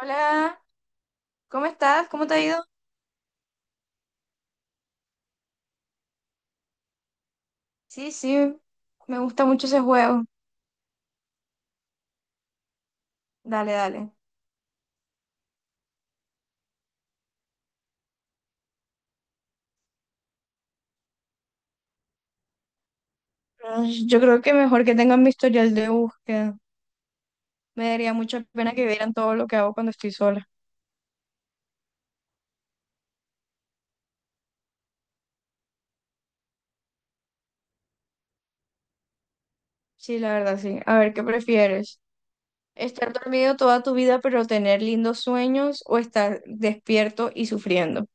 Hola, ¿cómo estás? ¿Cómo te ha ido? Sí, sí, me gusta mucho ese juego. Dale, dale. Pero yo creo que mejor que tengan mi historial de búsqueda. Me daría mucha pena que vieran todo lo que hago cuando estoy sola. Sí, la verdad, sí. A ver, ¿qué prefieres? ¿Estar dormido toda tu vida pero tener lindos sueños o estar despierto y sufriendo?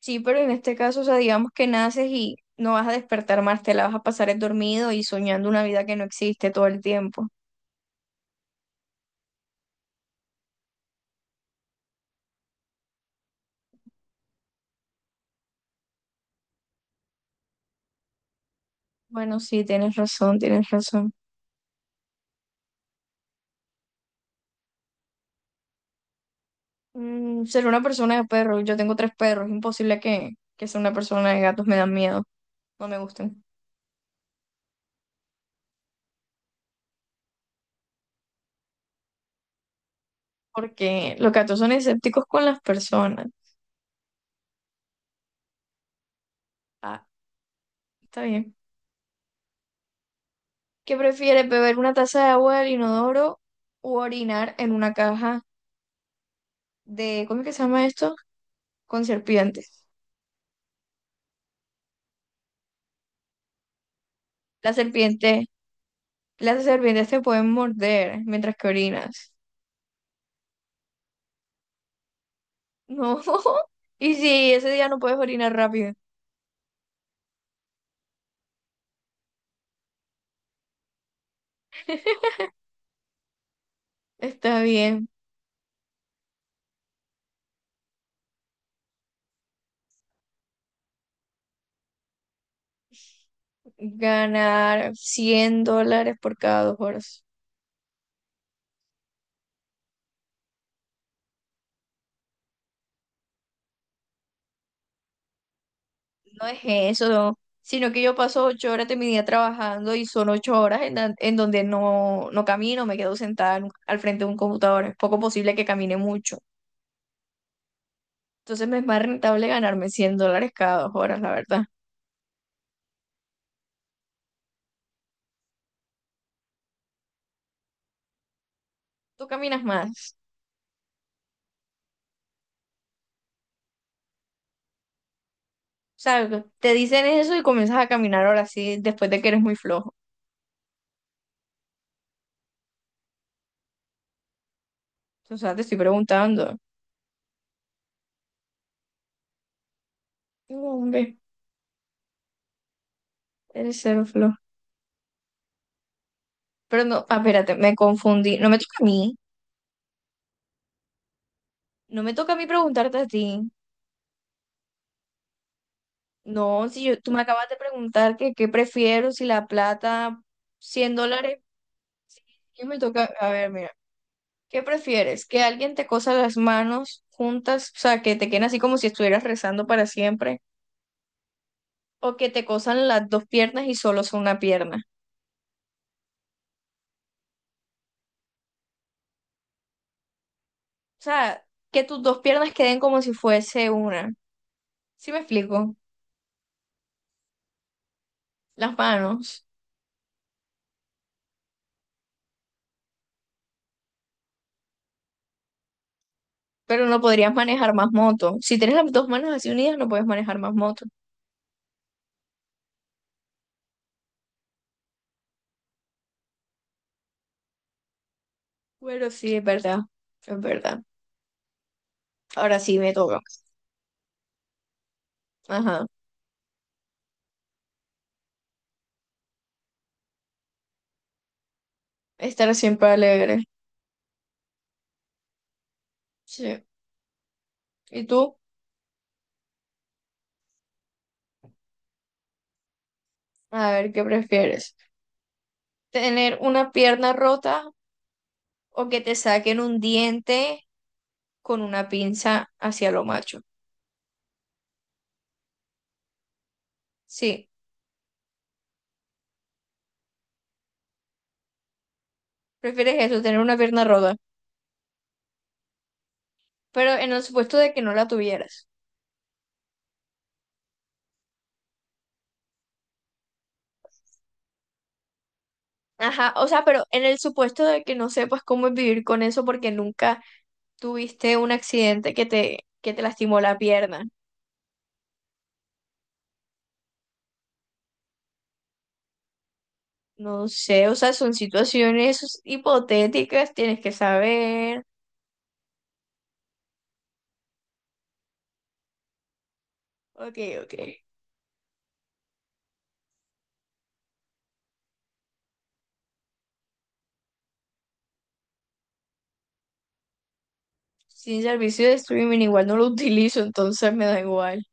Sí, pero en este caso, o sea, digamos que naces y no vas a despertar más, te la vas a pasar dormido y soñando una vida que no existe todo el tiempo. Bueno, sí, tienes razón, tienes razón. Mm, ser una persona de perros. Yo tengo tres perros. Es imposible que sea una persona de gatos. Me dan miedo. No me gustan. Porque los gatos son escépticos con las personas. Ah, está bien. ¿Qué prefieres, beber una taza de agua del inodoro o orinar en una caja de, ¿cómo es que se llama esto? Con serpientes. Las serpientes, las serpientes te pueden morder mientras que orinas. No. Y si ese día no puedes orinar rápido, está bien. Ganar $100 por cada 2 horas. No es eso, no, sino que yo paso 8 horas de mi día trabajando y son 8 horas en donde no camino, me quedo sentada al frente de un computador. Es poco posible que camine mucho. Entonces me es más rentable ganarme $100 cada 2 horas, la verdad. Tú caminas más. O sea, te dicen eso y comienzas a caminar ahora sí, después de que eres muy flojo. O sea, te estoy preguntando. No, hombre, eres cero flojo. Pero no, ah, espérate, me confundí. No me toca a mí. No me toca a mí preguntarte a ti. No, si yo, tú me acabas de preguntar que qué prefiero, si la plata, $100, ¿qué me toca? A ver, mira, ¿qué prefieres? ¿Que alguien te cosa las manos juntas, o sea, que te queden así como si estuvieras rezando para siempre? ¿O que te cosan las dos piernas y solo son una pierna? O sea, que tus dos piernas queden como si fuese una. ¿Sí me explico? Las manos. Pero no podrías manejar más moto. Si tienes las dos manos así unidas, no puedes manejar más moto. Bueno, sí, es verdad, es verdad. Ahora sí me toca. Ajá. Estar siempre alegre. Sí. ¿Y tú? A ver, ¿qué prefieres? ¿Tener una pierna rota o que te saquen un diente con una pinza hacia lo macho? Sí, prefieres eso, tener una pierna rota, pero en el supuesto de que no la tuvieras. Ajá, o sea, pero en el supuesto de que no sepas cómo es vivir con eso porque nunca tuviste un accidente que te lastimó la pierna. No sé, o sea, son situaciones hipotéticas, tienes que saber. Ok, ok. Sin servicio de streaming igual no lo utilizo, entonces me da igual.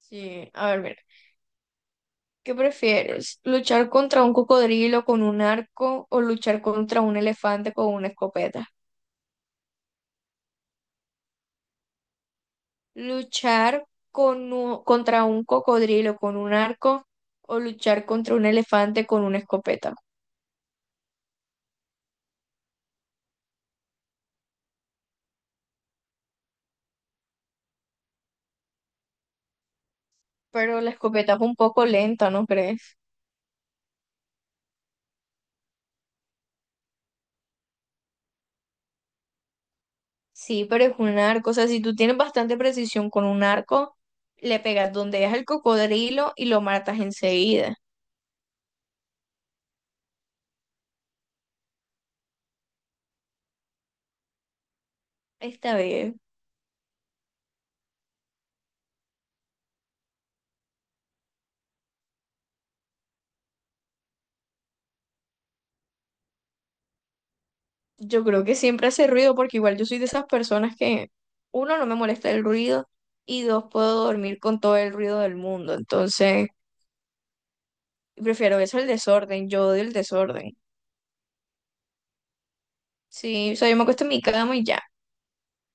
Sí, a ver, mira. ¿Qué prefieres? ¿Luchar contra un cocodrilo con un arco o luchar contra un elefante con una escopeta? ¿Luchar contra un cocodrilo con un arco o luchar contra un elefante con una escopeta? Pero la escopeta es un poco lenta, ¿no crees? Sí, pero es un arco. O sea, si tú tienes bastante precisión con un arco, le pegas donde es el cocodrilo y lo matas enseguida. Esta vez, yo creo que siempre hace ruido porque igual yo soy de esas personas que, uno, no me molesta el ruido y dos, puedo dormir con todo el ruido del mundo. Entonces, prefiero eso al desorden. Yo odio el desorden. Sí, o sea, yo me acuesto en mi cama y ya,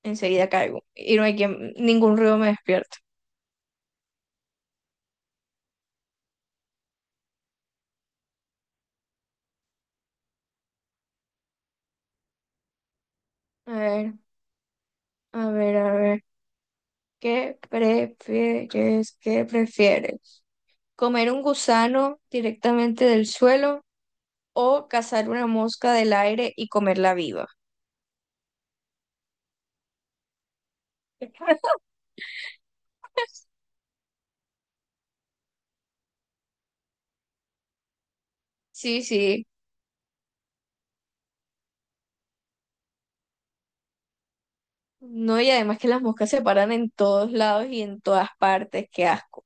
enseguida caigo. Y no hay quien, ningún ruido me despierta. A ver, a ver, a ver. ¿Qué prefieres? ¿Qué prefieres? ¿Comer un gusano directamente del suelo o cazar una mosca del aire y comerla viva? Sí, sí. No, y además que las moscas se paran en todos lados y en todas partes. Qué asco.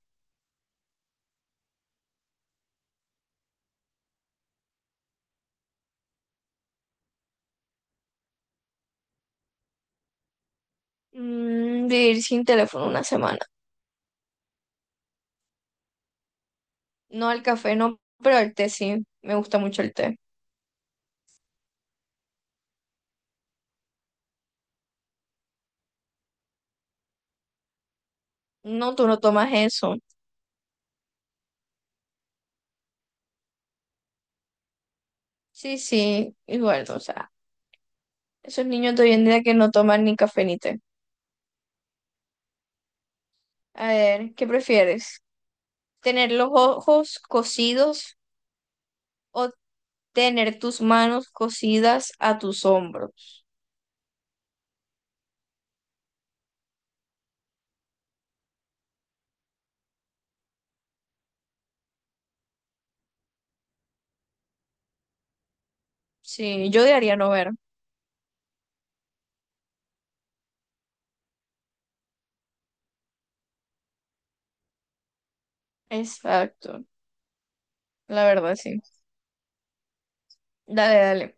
Mm, vivir sin teléfono una semana. No, al café no, pero al té sí. Me gusta mucho el té. No, tú no tomas eso. Sí, sí. Igual, o sea, esos niños de hoy en día que no toman ni café ni té. A ver, ¿qué prefieres? Tener los ojos cosidos o tener tus manos cosidas a tus hombros. Sí, yo diría no ver. Exacto, la verdad, sí. Dale, dale.